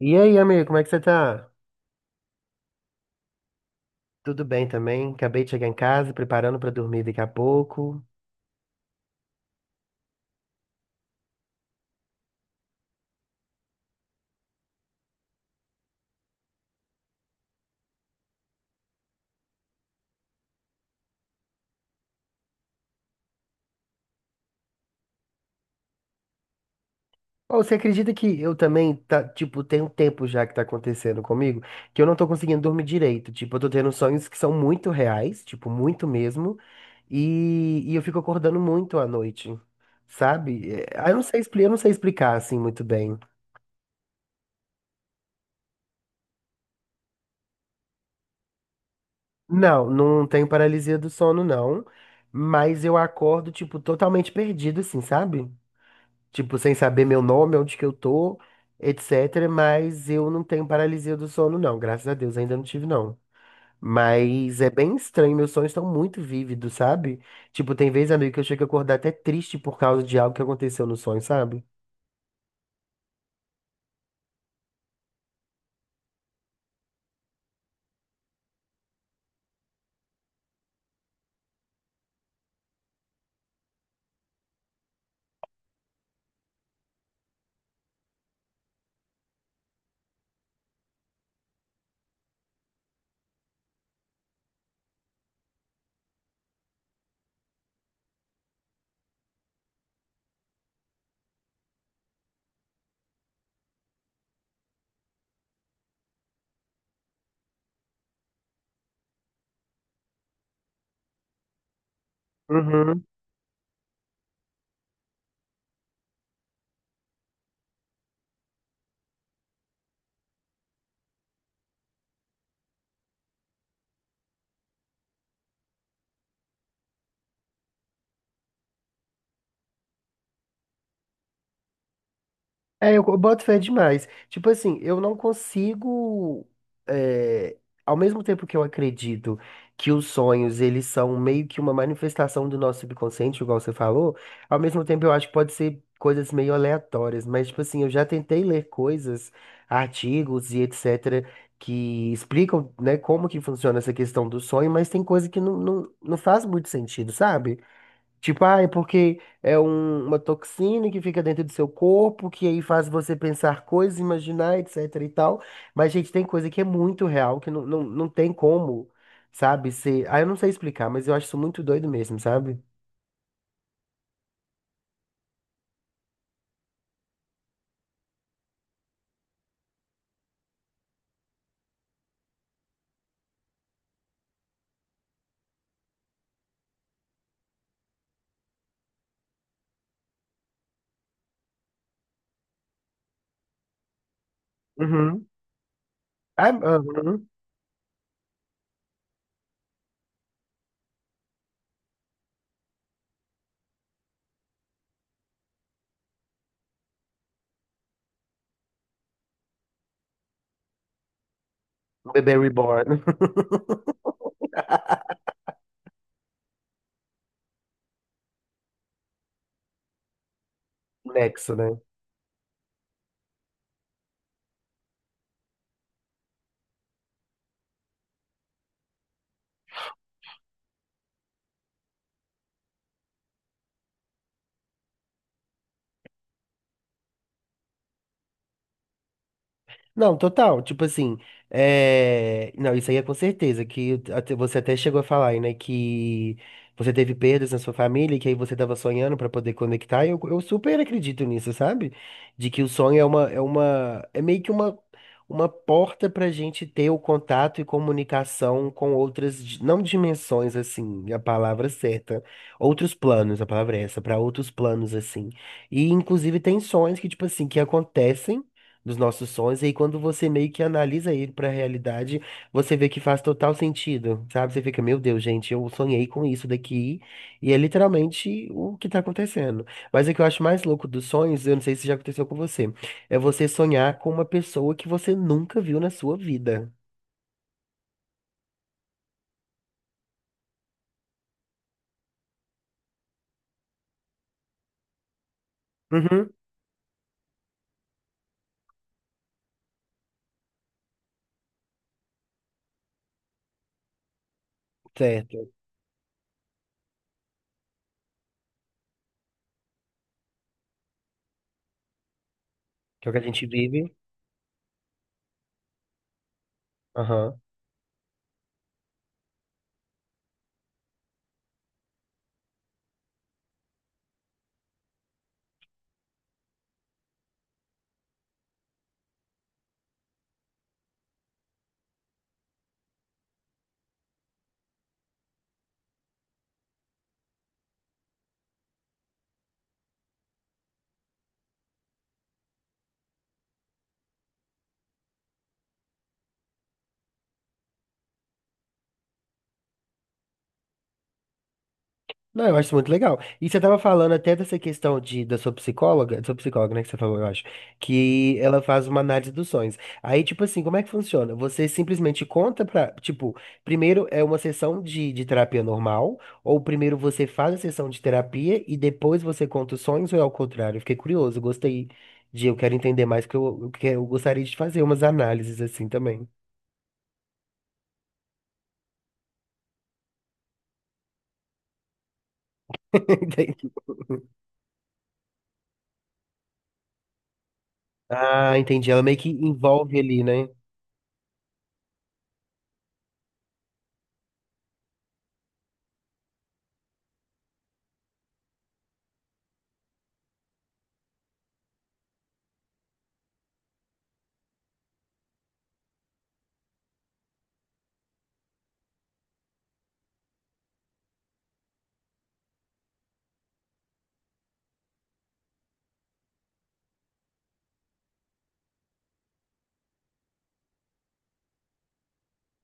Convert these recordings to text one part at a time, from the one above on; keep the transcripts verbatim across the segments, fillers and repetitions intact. E aí, amigo, como é que você tá? Tudo bem também? Acabei de chegar em casa, preparando pra dormir daqui a pouco. Ou você acredita que eu também, tá, tipo, tem um tempo já que tá acontecendo comigo, que eu não tô conseguindo dormir direito. Tipo, eu tô tendo sonhos que são muito reais, tipo, muito mesmo, e, e eu fico acordando muito à noite, sabe? É, ah, Eu não sei, expli- eu não sei explicar, assim, muito bem. Não, não tenho paralisia do sono, não, mas eu acordo, tipo, totalmente perdido, assim, sabe? Tipo, sem saber meu nome, onde que eu tô, etcétera. Mas eu não tenho paralisia do sono, não. Graças a Deus, ainda não tive, não. Mas é bem estranho, meus sonhos estão muito vívidos, sabe? Tipo, tem vez, amigo, que eu chego a acordar até triste por causa de algo que aconteceu no sonho, sabe? Uhum. É, eu co- boto fé demais. Tipo assim, eu não consigo. é, Ao mesmo tempo que eu acredito que os sonhos, eles são meio que uma manifestação do nosso subconsciente, igual você falou, ao mesmo tempo eu acho que pode ser coisas meio aleatórias. Mas, tipo assim, eu já tentei ler coisas, artigos e etcétera, que explicam, né, como que funciona essa questão do sonho, mas tem coisa que não, não, não faz muito sentido, sabe? Tipo, ah, é porque é um- uma toxina que fica dentro do seu corpo, que aí faz você pensar coisas, imaginar, etc e tal. Mas, gente, tem coisa que é muito real, que não, não, não tem como, sabe? Ser... Ah, eu não sei explicar, mas eu acho isso muito doido mesmo, sabe? Uhum. Ah, uhum. Bebê reborn. Nexo, né? Não, total. Tipo assim, é... não, isso aí é com certeza, que até- você até chegou a falar, aí, né, que você teve perdas na sua família, e que aí você tava sonhando pra poder conectar, e eu, eu super acredito nisso, sabe? De que o sonho é uma, é uma, é meio que uma, uma porta pra gente ter o contato e comunicação com outras, di- não dimensões, assim, é a palavra certa, outros planos, a palavra é essa, pra outros planos, assim. E inclusive tem sonhos que, tipo assim, que acontecem dos nossos sonhos. E aí, quando você meio que analisa ele pra realidade, você vê que faz total sentido, sabe? Você fica, meu Deus, gente, eu sonhei com isso daqui. E é literalmente o que tá acontecendo. Mas o que eu acho mais louco dos sonhos, eu não sei se já aconteceu com você, é você sonhar com uma pessoa que você nunca viu na sua vida. Uhum, certo. Que é o que a gente vive. Aham. Não, eu acho muito legal. E você estava falando até dessa questão de, da sua psicóloga, da sua psicóloga, né, que você falou, eu acho, que ela faz uma análise dos sonhos. Aí, tipo assim, como é que funciona? Você simplesmente conta pra, tipo, primeiro é uma sessão de, de terapia normal, ou primeiro você faz a sessão de terapia e depois você conta os sonhos, ou é ao contrário? Eu fiquei curioso, gostei de, eu quero entender mais, porque eu, eu, que- eu gostaria de fazer umas análises assim também. Entendi. Ah, entendi. Ela meio que envolve ali, né?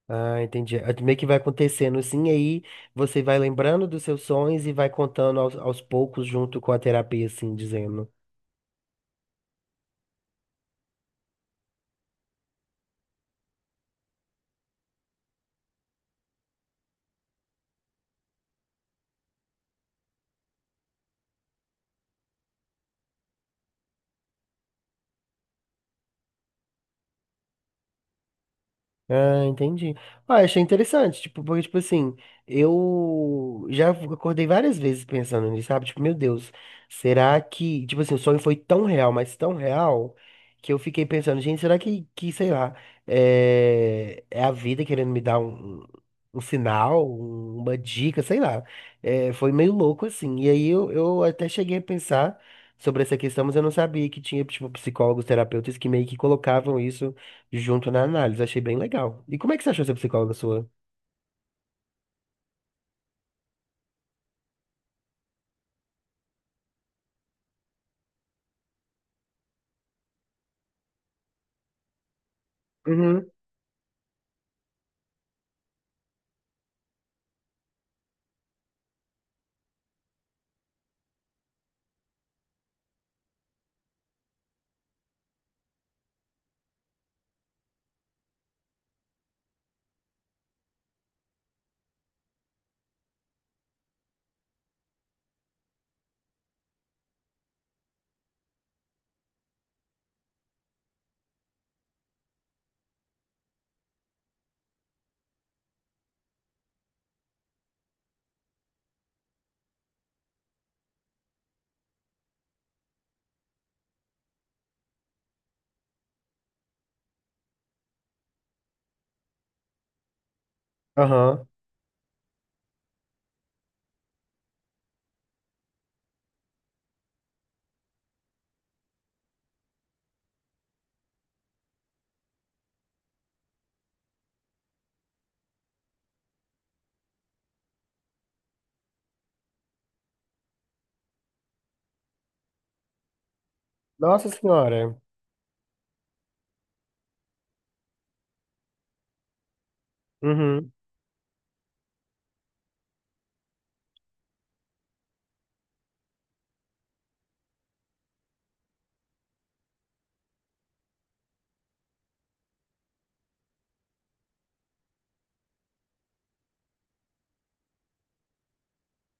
Ah, entendi. Ah, meio que vai acontecendo assim, aí você vai lembrando dos seus sonhos e vai contando aos, aos poucos junto com a terapia, assim, dizendo. Ah, entendi. Ah, achei interessante, tipo, porque, tipo assim, eu já acordei várias vezes pensando nisso, sabe? Tipo, meu Deus, será que, tipo assim, o sonho foi tão real, mas tão real, que eu fiquei pensando, gente, será que, que sei lá, é, é a vida querendo me dar um, um sinal, um- uma dica, sei lá. É, foi meio louco, assim. E aí eu, eu até cheguei a pensar sobre essa questão, mas eu não sabia que tinha, tipo, psicólogos, terapeutas que meio que colocavam isso junto na análise. Achei bem legal. E como é que você achou essa psicóloga sua? Uhum. Aham. Nossa senhora. Uhum.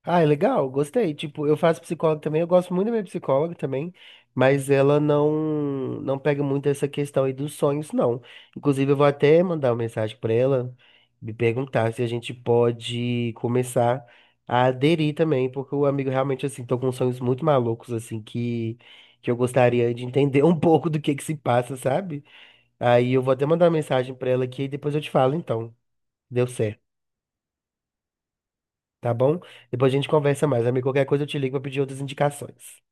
Ah, é legal, gostei. Tipo, eu faço psicóloga também, eu gosto muito da minha psicóloga também, mas ela não não pega muito essa questão aí dos sonhos, não. Inclusive, eu vou até mandar uma mensagem pra ela, me perguntar se a gente pode começar a aderir também, porque o amigo realmente, assim, tô com sonhos muito malucos, assim, que, que eu gostaria de entender um pouco do que que se passa, sabe? Aí eu vou até mandar uma mensagem pra ela aqui e depois eu te falo, então. Deu certo, tá bom? Depois a gente conversa mais, amigo. Qualquer coisa eu te ligo pra pedir outras indicações.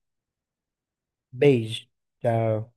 Beijo. Tchau.